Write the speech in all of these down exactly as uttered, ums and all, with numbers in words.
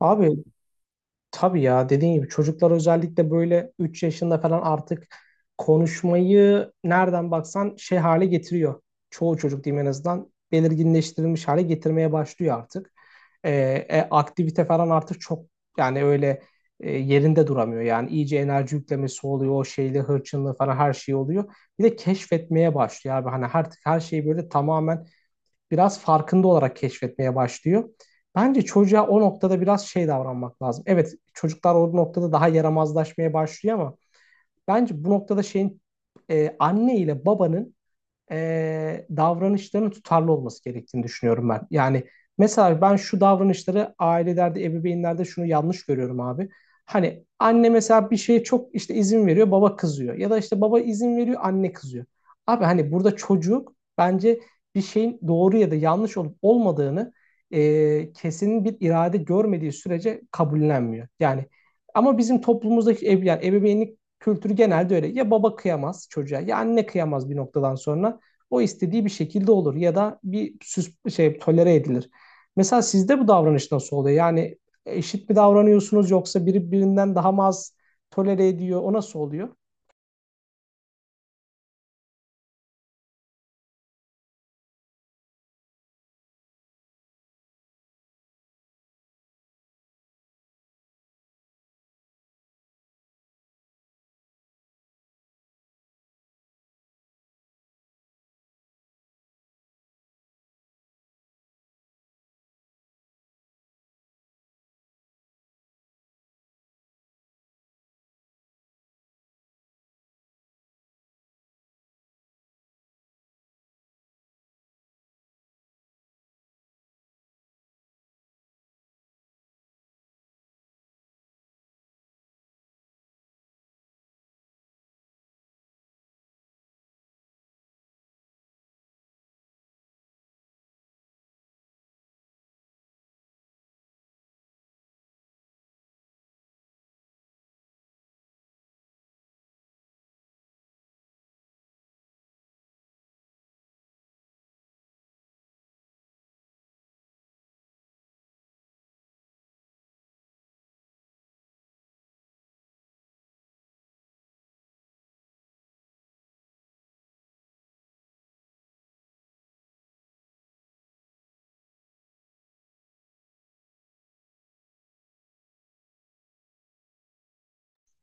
Abi, tabii ya, dediğin gibi çocuklar özellikle böyle üç yaşında falan artık konuşmayı nereden baksan şey hale getiriyor. Çoğu çocuk diyeyim, en azından belirginleştirilmiş hale getirmeye başlıyor artık. Ee, e, aktivite falan artık çok, yani öyle, e, yerinde duramıyor. Yani iyice enerji yüklemesi oluyor, o şeyle hırçınlığı falan her şey oluyor. Bir de keşfetmeye başlıyor abi. Hani artık her şeyi böyle tamamen biraz farkında olarak keşfetmeye başlıyor. Bence çocuğa o noktada biraz şey davranmak lazım. Evet, çocuklar o noktada daha yaramazlaşmaya başlıyor ama bence bu noktada şeyin, e, anne ile babanın, e, davranışların tutarlı olması gerektiğini düşünüyorum ben. Yani mesela ben şu davranışları ailelerde, ebeveynlerde şunu yanlış görüyorum abi. Hani anne mesela bir şeye çok işte izin veriyor, baba kızıyor. Ya da işte baba izin veriyor, anne kızıyor. Abi hani burada çocuk, bence bir şeyin doğru ya da yanlış olup olmadığını, e, kesin bir irade görmediği sürece kabullenmiyor. Yani ama bizim toplumumuzdaki ev, yani ebeveynlik kültürü genelde öyle. Ya baba kıyamaz çocuğa ya anne kıyamaz, bir noktadan sonra o istediği bir şekilde olur ya da bir süs şey tolere edilir. Mesela sizde bu davranış nasıl oluyor? Yani eşit mi davranıyorsunuz, yoksa biri birinden daha mı az tolere ediyor? O nasıl oluyor?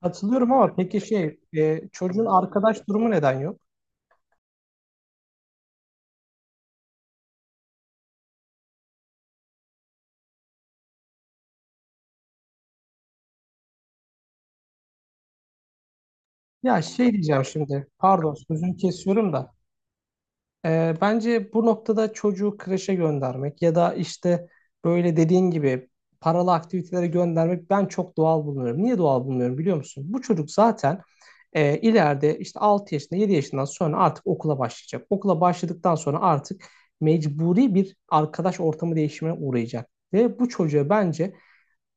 Hatırlıyorum, ama peki şey, e, çocuğun arkadaş durumu neden yok? Ya şey diyeceğim şimdi, pardon sözünü kesiyorum da, e, bence bu noktada çocuğu kreşe göndermek ya da işte böyle dediğin gibi paralı aktivitelere göndermek, ben çok doğal bulmuyorum. Niye doğal bulmuyorum biliyor musun? Bu çocuk zaten, E, ileride işte altı yaşında, yedi yaşından sonra artık okula başlayacak. Okula başladıktan sonra artık mecburi bir arkadaş ortamı değişimine uğrayacak. Ve bu çocuğa bence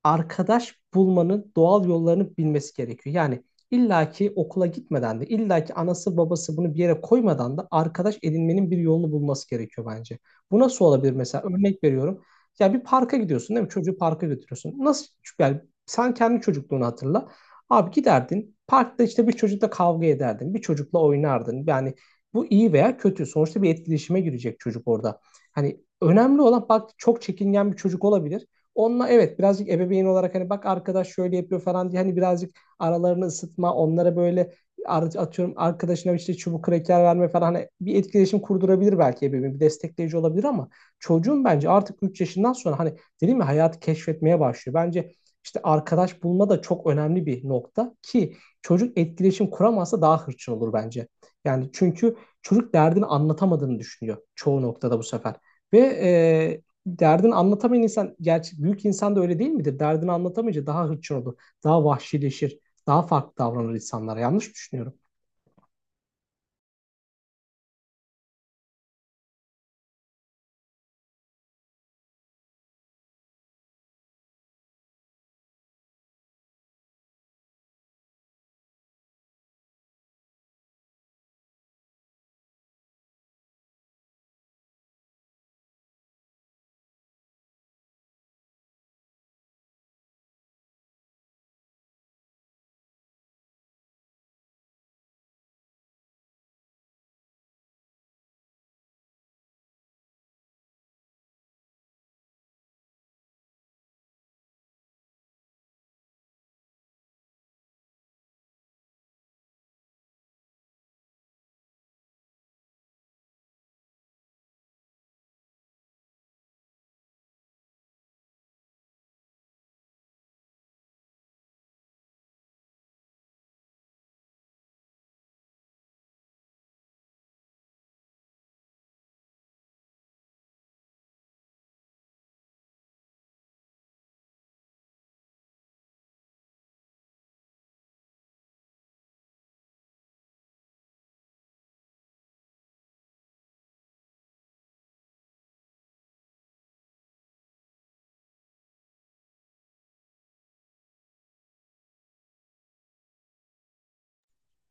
arkadaş bulmanın doğal yollarını bilmesi gerekiyor. Yani illaki okula gitmeden de, illaki anası babası bunu bir yere koymadan da arkadaş edinmenin bir yolunu bulması gerekiyor bence. Bu nasıl olabilir mesela? Örnek veriyorum. Ya bir parka gidiyorsun değil mi? Çocuğu parka götürüyorsun. Nasıl? Yani sen kendi çocukluğunu hatırla. Abi, giderdin. Parkta işte bir çocukla kavga ederdin. Bir çocukla oynardın. Yani bu iyi veya kötü. Sonuçta bir etkileşime girecek çocuk orada. Hani önemli olan, bak, çok çekingen bir çocuk olabilir. Onunla evet birazcık ebeveyn olarak hani bak arkadaş şöyle yapıyor falan diye hani birazcık aralarını ısıtma, onlara böyle ar- atıyorum arkadaşına işte çubuk kraker verme falan, hani bir etkileşim kurdurabilir belki ebeveyn, bir destekleyici olabilir ama çocuğun bence artık üç yaşından sonra, hani dedim ya, hayatı keşfetmeye başlıyor. Bence işte arkadaş bulma da çok önemli bir nokta ki çocuk etkileşim kuramazsa daha hırçın olur bence. Yani çünkü çocuk derdini anlatamadığını düşünüyor çoğu noktada bu sefer. Ve derdini anlatamayan insan, gerçek büyük insan da öyle değil midir? Derdini anlatamayınca daha hırçın olur, daha vahşileşir, daha farklı davranır insanlara. Yanlış mı düşünüyorum?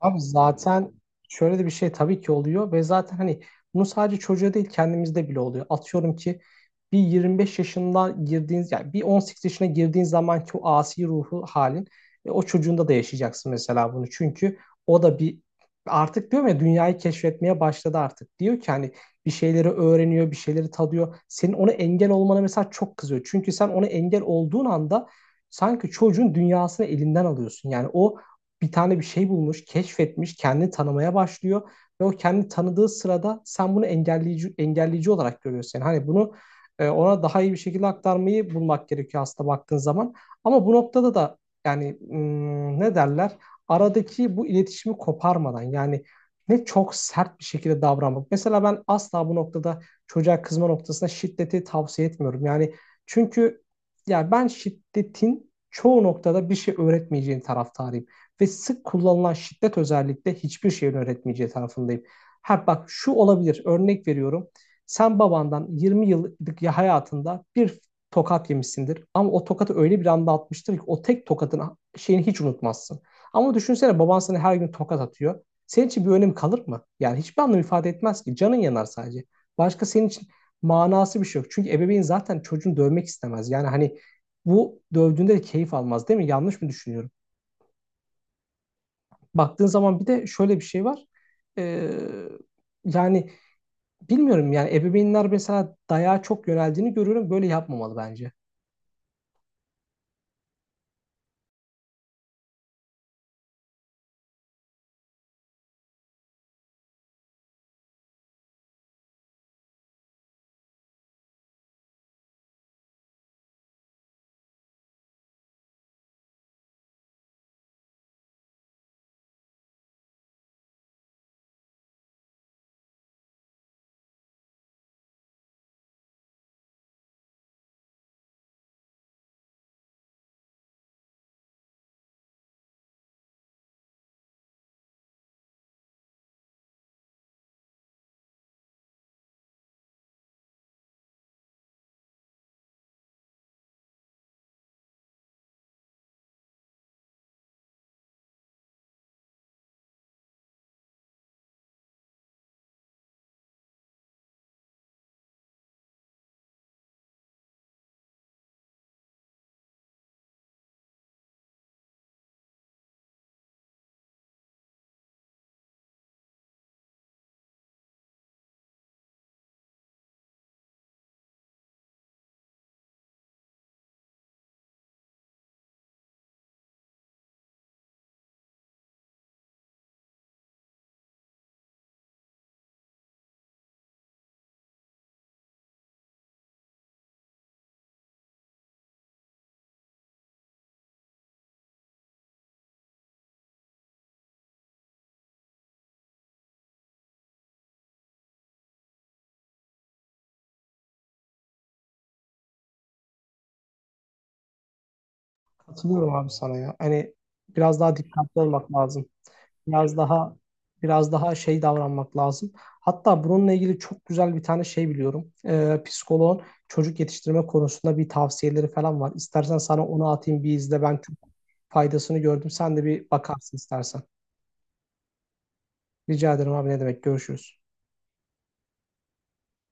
Abi, zaten şöyle de bir şey tabii ki oluyor ve zaten hani bunu sadece çocuğa değil kendimizde bile oluyor. Atıyorum ki bir yirmi beş yaşında girdiğiniz, yani bir on sekiz yaşına girdiğin zamanki o asi ruhu halin, e, o çocuğunda da yaşayacaksın mesela bunu. Çünkü o da bir, artık diyorum ya, dünyayı keşfetmeye başladı artık. Diyor ki hani bir şeyleri öğreniyor, bir şeyleri tadıyor. Senin ona engel olmana mesela çok kızıyor. Çünkü sen ona engel olduğun anda sanki çocuğun dünyasını elinden alıyorsun. Yani o bir tane bir şey bulmuş, keşfetmiş, kendini tanımaya başlıyor ve o kendini tanıdığı sırada sen bunu engelleyici engelleyici olarak görüyorsun. Yani hani bunu, e, ona daha iyi bir şekilde aktarmayı bulmak gerekiyor aslında baktığın zaman. Ama bu noktada da yani hmm, ne derler? Aradaki bu iletişimi koparmadan, yani ne çok sert bir şekilde davranmak. Mesela ben asla bu noktada çocuğa kızma noktasında şiddeti tavsiye etmiyorum. Yani çünkü ya, ben şiddetin çoğu noktada bir şey öğretmeyeceğin taraftarıyım. Ve sık kullanılan şiddet özellikle hiçbir şeyin öğretmeyeceği tarafındayım. Ha bak, şu olabilir, örnek veriyorum. Sen babandan yirmi yıllık hayatında bir tokat yemişsindir. Ama o tokatı öyle bir anda atmıştır ki o tek tokatın şeyini hiç unutmazsın. Ama düşünsene baban sana her gün tokat atıyor. Senin için bir önemi kalır mı? Yani hiçbir anlam ifade etmez ki. Canın yanar sadece. Başka senin için manası bir şey yok. Çünkü ebeveyn zaten çocuğunu dövmek istemez. Yani hani bu, dövdüğünde de keyif almaz değil mi? Yanlış mı düşünüyorum? Baktığın zaman bir de şöyle bir şey var. Ee, yani bilmiyorum, yani ebeveynler mesela dayağa çok yöneldiğini görüyorum. Böyle yapmamalı bence. Katılıyorum abi sana ya. Hani biraz daha dikkatli olmak lazım. Biraz daha biraz daha şey davranmak lazım. Hatta bununla ilgili çok güzel bir tane şey biliyorum. Ee, psikoloğun çocuk yetiştirme konusunda bir tavsiyeleri falan var. İstersen sana onu atayım, bir izle. Ben çok faydasını gördüm. Sen de bir bakarsın istersen. Rica ederim abi, ne demek. Görüşürüz.